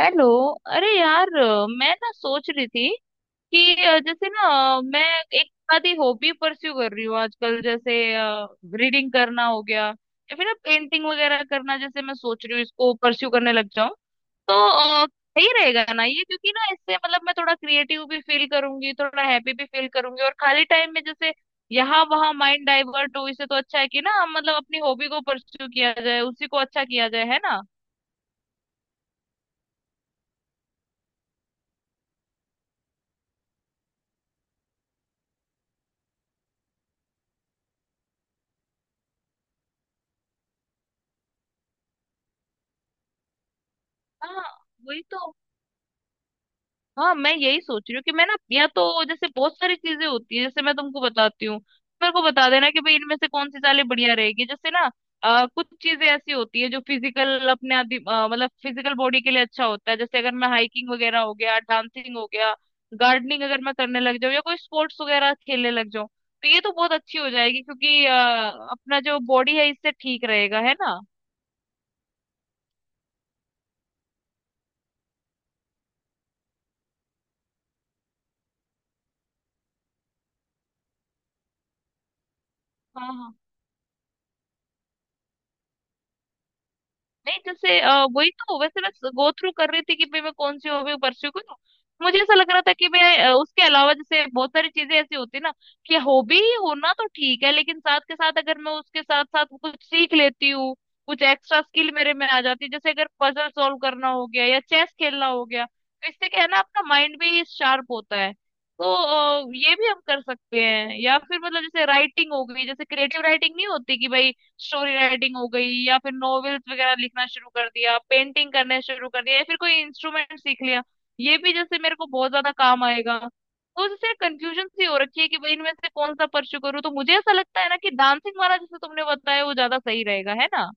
Hello. अरे यार मैं ना सोच रही थी कि जैसे ना मैं एक आधी हॉबी परस्यू कर रही हूँ आजकल। जैसे रीडिंग करना हो गया या फिर ना पेंटिंग वगैरह करना। जैसे मैं सोच रही हूँ इसको परस्यू करने लग जाऊँ, तो अ, सही रहेगा ना ये, क्योंकि ना इससे मतलब मैं थोड़ा क्रिएटिव भी फील करूंगी, थोड़ा हैप्पी भी फील करूंगी और खाली टाइम में जैसे यहाँ वहाँ माइंड डाइवर्ट हो। इससे तो अच्छा है कि ना हम मतलब अपनी हॉबी को परस्यू किया जाए, उसी को अच्छा किया जाए, है ना। हाँ, वही तो। हाँ, मैं यही सोच रही हूँ कि मैं ना, या तो जैसे बहुत सारी चीजें होती है, जैसे मैं तुमको बताती हूँ। मेरे को बता देना कि भाई इनमें से कौन सी चालें बढ़िया रहेगी। जैसे ना, कुछ चीजें ऐसी होती है जो फिजिकल अपने आदि मतलब फिजिकल बॉडी के लिए अच्छा होता है। जैसे अगर मैं हाइकिंग वगैरह हो गया, डांसिंग हो गया, गार्डनिंग अगर मैं करने लग जाऊँ या कोई स्पोर्ट्स वगैरह खेलने लग जाऊँ, तो ये तो बहुत अच्छी हो जाएगी क्योंकि अपना जो बॉडी है इससे ठीक रहेगा, है ना। हाँ, नहीं, जैसे वही तो, वैसे मैं गो थ्रू कर रही थी कि भाई मैं कौन सी हॉबी परस्यू करूँ। मुझे ऐसा लग रहा था कि मैं उसके अलावा जैसे बहुत सारी चीजें ऐसी होती है ना, कि हॉबी होना तो ठीक है, लेकिन साथ के साथ अगर मैं उसके साथ साथ कुछ सीख लेती हूँ, कुछ एक्स्ट्रा स्किल मेरे में आ जाती है, जैसे अगर पजल सॉल्व करना हो गया या चेस खेलना हो गया, तो इससे क्या है ना, अपना माइंड भी शार्प होता है। तो ये भी हम कर सकते हैं, या फिर मतलब जैसे राइटिंग हो गई, जैसे क्रिएटिव राइटिंग नहीं होती कि भाई स्टोरी राइटिंग हो गई, या फिर नॉवेल्स वगैरह लिखना शुरू कर दिया, पेंटिंग करने शुरू कर दिया, या फिर कोई इंस्ट्रूमेंट सीख लिया, ये भी जैसे मेरे को बहुत ज्यादा काम आएगा। तो जैसे कंफ्यूजन सी हो रखी है कि भाई इनमें से कौन सा परस्यू करूँ। तो मुझे ऐसा लगता है ना कि डांसिंग वाला जैसे तुमने बताया, वो ज्यादा सही रहेगा, है ना।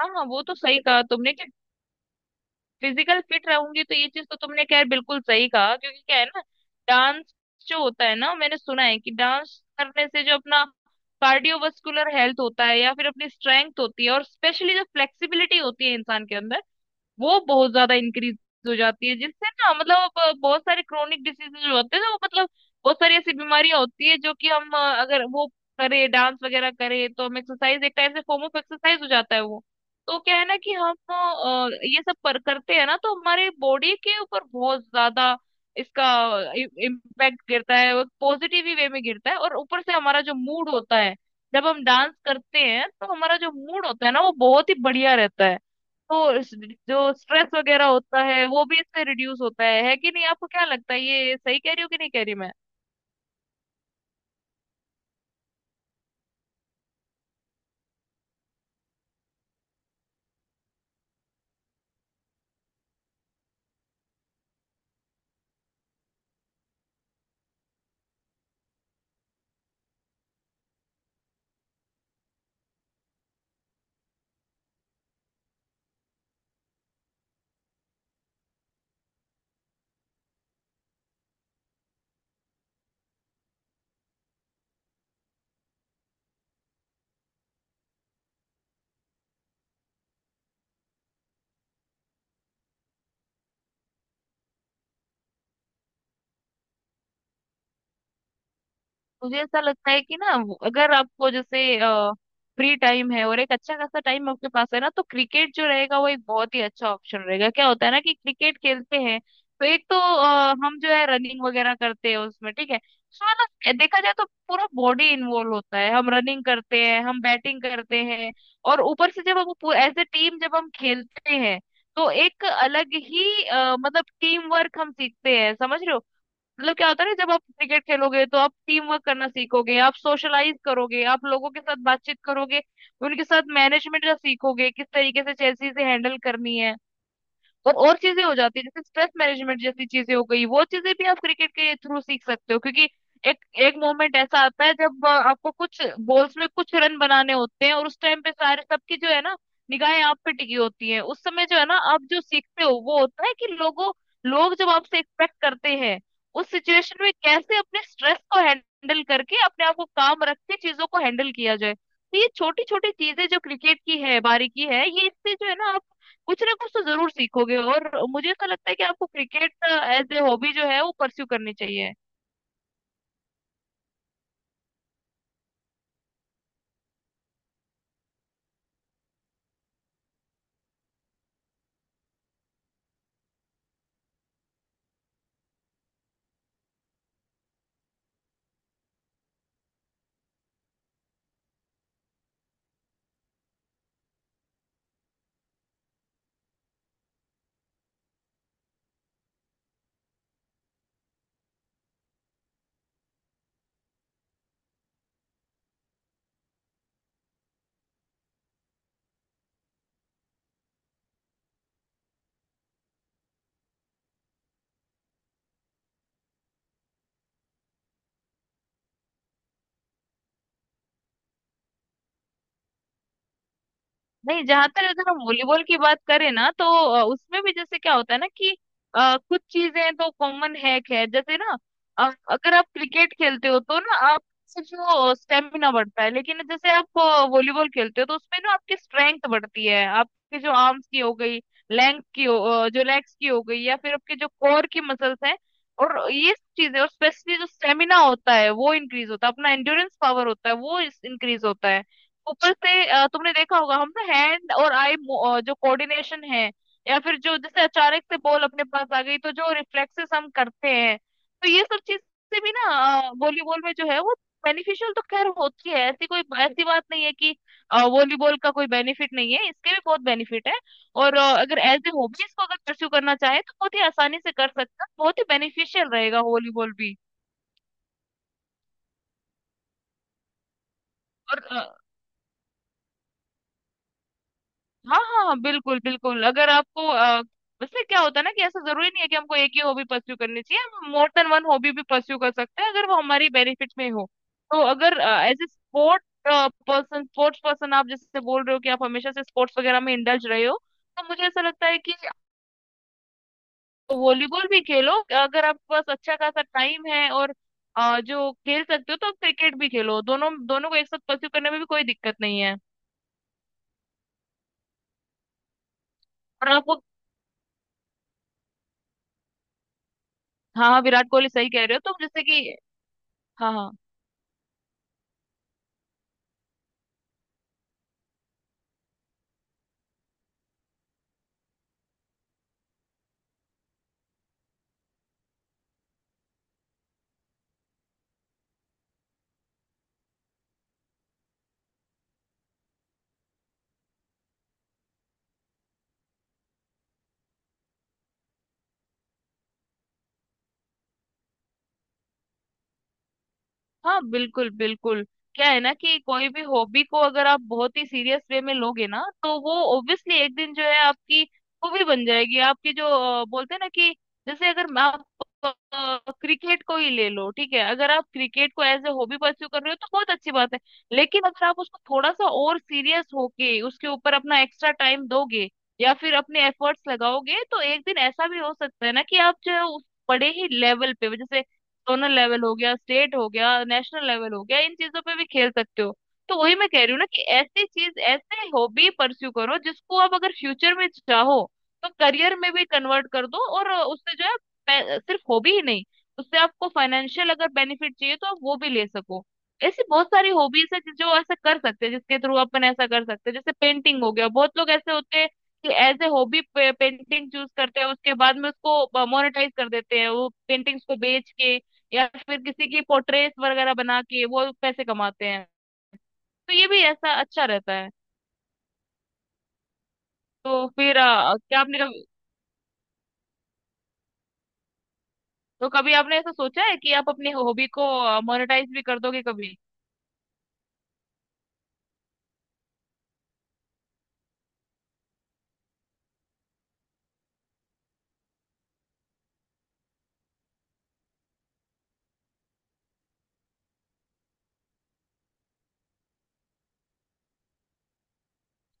हाँ हाँ, वो तो सही कहा तुमने, कि फिजिकल फिट रहूंगी। तो ये चीज तो तुमने खैर बिल्कुल सही कहा, क्योंकि क्या है ना, डांस जो होता है ना, मैंने सुना है कि डांस करने से जो अपना कार्डियोवास्कुलर हेल्थ होता है, या फिर अपनी स्ट्रेंथ होती है, और स्पेशली जो फ्लेक्सिबिलिटी होती है इंसान के अंदर, वो बहुत ज्यादा इंक्रीज हो जाती है, जिससे ना मतलब अब बहुत सारे क्रोनिक डिसीजेज जो होते हैं ना, वो मतलब बहुत सारी ऐसी बीमारियां होती है जो कि हम अगर वो करे, डांस वगैरह करे, तो हम एक्सरसाइज, एक टाइप से फॉर्म ऑफ एक्सरसाइज हो जाता है वो। तो क्या है ना कि हम ये सब पर करते हैं ना, तो हमारे बॉडी के ऊपर बहुत ज्यादा इसका इम्पैक्ट गिरता है, वो पॉजिटिव ही वे में गिरता है। और ऊपर से हमारा जो मूड होता है, जब हम डांस करते हैं तो हमारा जो मूड होता है ना, वो बहुत ही बढ़िया रहता है। तो जो स्ट्रेस वगैरह होता है वो भी इससे रिड्यूस होता है कि नहीं, आपको क्या लगता है, ये सही कह रही हूँ कि नहीं कह रही मैं? मुझे ऐसा लगता है कि ना अगर आपको जैसे फ्री टाइम है, और एक अच्छा खासा टाइम आपके पास है ना, तो क्रिकेट जो रहेगा वो एक बहुत ही अच्छा ऑप्शन रहेगा। क्या होता है ना, कि क्रिकेट खेलते हैं, तो एक तो हम जो है रनिंग वगैरह करते हैं उसमें, ठीक है, उसमें ना देखा जाए तो पूरा बॉडी इन्वॉल्व होता है, हम रनिंग करते हैं, हम बैटिंग करते हैं। और ऊपर से जब हम एज ए टीम जब हम खेलते हैं, तो एक अलग ही मतलब टीम वर्क हम सीखते हैं, समझ रहे हो। मतलब क्या होता है ना, जब आप क्रिकेट खेलोगे तो आप टीम वर्क करना सीखोगे, आप सोशलाइज करोगे, आप लोगों के साथ बातचीत करोगे, उनके साथ मैनेजमेंट का सीखोगे, किस तरीके से चेल्सी से हैंडल करनी है। और चीजें हो जाती है, जैसे स्ट्रेस मैनेजमेंट जैसी चीजें हो गई, वो चीजें भी आप क्रिकेट के थ्रू सीख सकते हो, क्योंकि एक एक मोमेंट ऐसा आता है जब आपको कुछ बॉल्स में कुछ रन बनाने होते हैं, और उस टाइम पे सारे सबकी जो है ना, निगाहें आप पे टिकी होती हैं। उस समय जो है ना, आप जो सीखते हो वो होता है कि लोग जब आपसे एक्सपेक्ट करते हैं, उस सिचुएशन में कैसे अपने स्ट्रेस को हैंडल करके अपने आप को काम रख के चीजों को हैंडल किया जाए। तो ये छोटी छोटी चीजें जो क्रिकेट की है, बारीकी है, ये इससे जो है ना, आप कुछ ना कुछ तो जरूर सीखोगे। और मुझे ऐसा लगता है कि आपको क्रिकेट एज ए हॉबी जो है वो परस्यू करनी चाहिए। नहीं, जहां तक अगर हम वॉलीबॉल की बात करें ना, तो उसमें भी जैसे क्या होता है ना, कि कुछ चीजें तो कॉमन है खैर, जैसे ना, अगर आप क्रिकेट खेलते हो तो ना आप सिर्फ वो स्टेमिना बढ़ता है, लेकिन जैसे आप वॉलीबॉल खेलते हो तो उसमें ना आपकी स्ट्रेंथ बढ़ती है, आपके जो आर्म्स की हो गई, लेंथ की हो, जो लेग्स की हो गई, या फिर आपके जो कोर की मसल्स हैं, और ये सब चीजें। और स्पेशली जो स्टेमिना होता है वो इंक्रीज होता है, अपना एंड्योरेंस पावर होता है वो इंक्रीज होता है। ऊपर से तुमने देखा होगा, हम ना हैंड और आई जो कोऑर्डिनेशन है, या फिर जो जैसे अचानक से बॉल अपने पास आ गई तो जो रिफ्लेक्सेस हम करते हैं, तो ये सब चीज से भी ना वॉलीबॉल में जो है वो बेनिफिशियल तो खैर होती है। ऐसी कोई ऐसी बात नहीं है कि वॉलीबॉल का कोई बेनिफिट नहीं है, इसके भी बहुत बेनिफिट है। और अगर एज ए हॉबी इसको अगर परस्यू करना चाहे, तो बहुत ही आसानी से कर सकते हैं, बहुत ही बेनिफिशियल रहेगा वॉलीबॉल भी। और हाँ हाँ, बिल्कुल बिल्कुल, अगर आपको वैसे क्या होता है ना, कि ऐसा जरूरी नहीं है कि हमको एक ही हॉबी परस्यू करनी चाहिए, हम मोर देन वन हॉबी भी परस्यू कर सकते हैं, अगर वो हमारी बेनिफिट में हो। तो अगर as a sport person, sports person, आप जैसे बोल रहे हो कि आप हमेशा से स्पोर्ट्स वगैरह में इंडल्ज रहे हो, तो मुझे ऐसा लगता है कि वॉलीबॉल भी खेलो। अगर आपके पास अच्छा खासा टाइम है और जो खेल सकते हो, तो आप क्रिकेट भी खेलो, दोनों दोनों को एक साथ परस्यू करने में भी कोई दिक्कत नहीं है। और आपको, हाँ हाँ, विराट कोहली सही कह रहे हो। तो जैसे कि हाँ हाँ हाँ, बिल्कुल बिल्कुल, क्या है ना कि कोई भी हॉबी को अगर आप बहुत ही सीरियस वे में लोगे ना, तो वो ऑब्वियसली एक दिन जो है आपकी हॉबी बन जाएगी। आपकी जो बोलते हैं ना, कि जैसे अगर मैं- आप क्रिकेट को ही ले लो, ठीक है। अगर आप क्रिकेट को एज ए हॉबी परस्यू कर रहे हो तो बहुत अच्छी बात है, लेकिन अगर आप उसको थोड़ा सा और सीरियस होके उसके ऊपर अपना एक्स्ट्रा टाइम दोगे, या फिर अपने एफर्ट्स लगाओगे, तो एक दिन ऐसा भी हो सकता है ना, कि आप जो है उस बड़े ही लेवल पे जैसे जोनल लेवल हो गया, स्टेट हो गया, नेशनल लेवल हो गया, इन चीजों पे भी खेल सकते हो। तो वही मैं कह रही हूँ ना, कि ऐसी चीज, ऐसे हॉबी परस्यू करो जिसको आप अगर फ्यूचर में चाहो तो करियर में भी कन्वर्ट कर दो, और उससे जो है सिर्फ हॉबी ही नहीं, उससे आपको फाइनेंशियल अगर बेनिफिट चाहिए तो आप वो भी ले सको। ऐसी बहुत सारी हॉबीज है जो ऐसा कर सकते हैं, जिसके थ्रू अपन ऐसा कर सकते हैं, जैसे पेंटिंग हो गया, बहुत लोग ऐसे होते हैं कि as a hobby painting choose करते हैं, उसके बाद में उसको मोनेटाइज कर देते हैं वो, पेंटिंग्स को बेच के, या फिर किसी की पोर्ट्रेट वगैरह बना के वो पैसे कमाते हैं। तो ये भी ऐसा अच्छा रहता है। तो फिर क्या आपने कभी, तो कभी आपने ऐसा सोचा है कि आप अपनी हॉबी को मोनेटाइज भी कर दोगे कभी?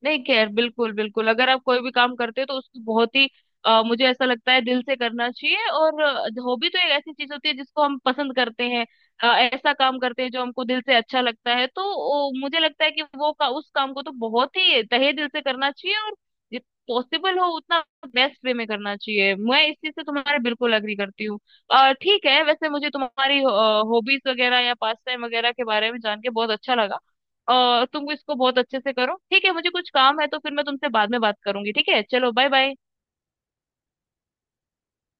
नहीं केयर, बिल्कुल बिल्कुल, अगर आप कोई भी काम करते हो तो उसको बहुत ही मुझे ऐसा लगता है दिल से करना चाहिए। और हॉबी तो एक ऐसी चीज होती है जिसको हम पसंद करते हैं, ऐसा काम करते हैं जो हमको दिल से अच्छा लगता है। तो मुझे लगता है कि उस काम को तो बहुत ही तहे दिल से करना चाहिए। और जित पॉसिबल हो उतना बेस्ट वे में करना चाहिए, मैं इस चीज से तुम्हारे बिल्कुल अग्री करती हूँ। ठीक है, वैसे मुझे तुम्हारी हॉबीज वगैरह या पास टाइम वगैरह के बारे में जान के बहुत अच्छा लगा। तुम इसको बहुत अच्छे से करो, ठीक है, मुझे कुछ काम है तो फिर मैं तुमसे बाद में बात करूंगी, ठीक है, चलो बाय बाय।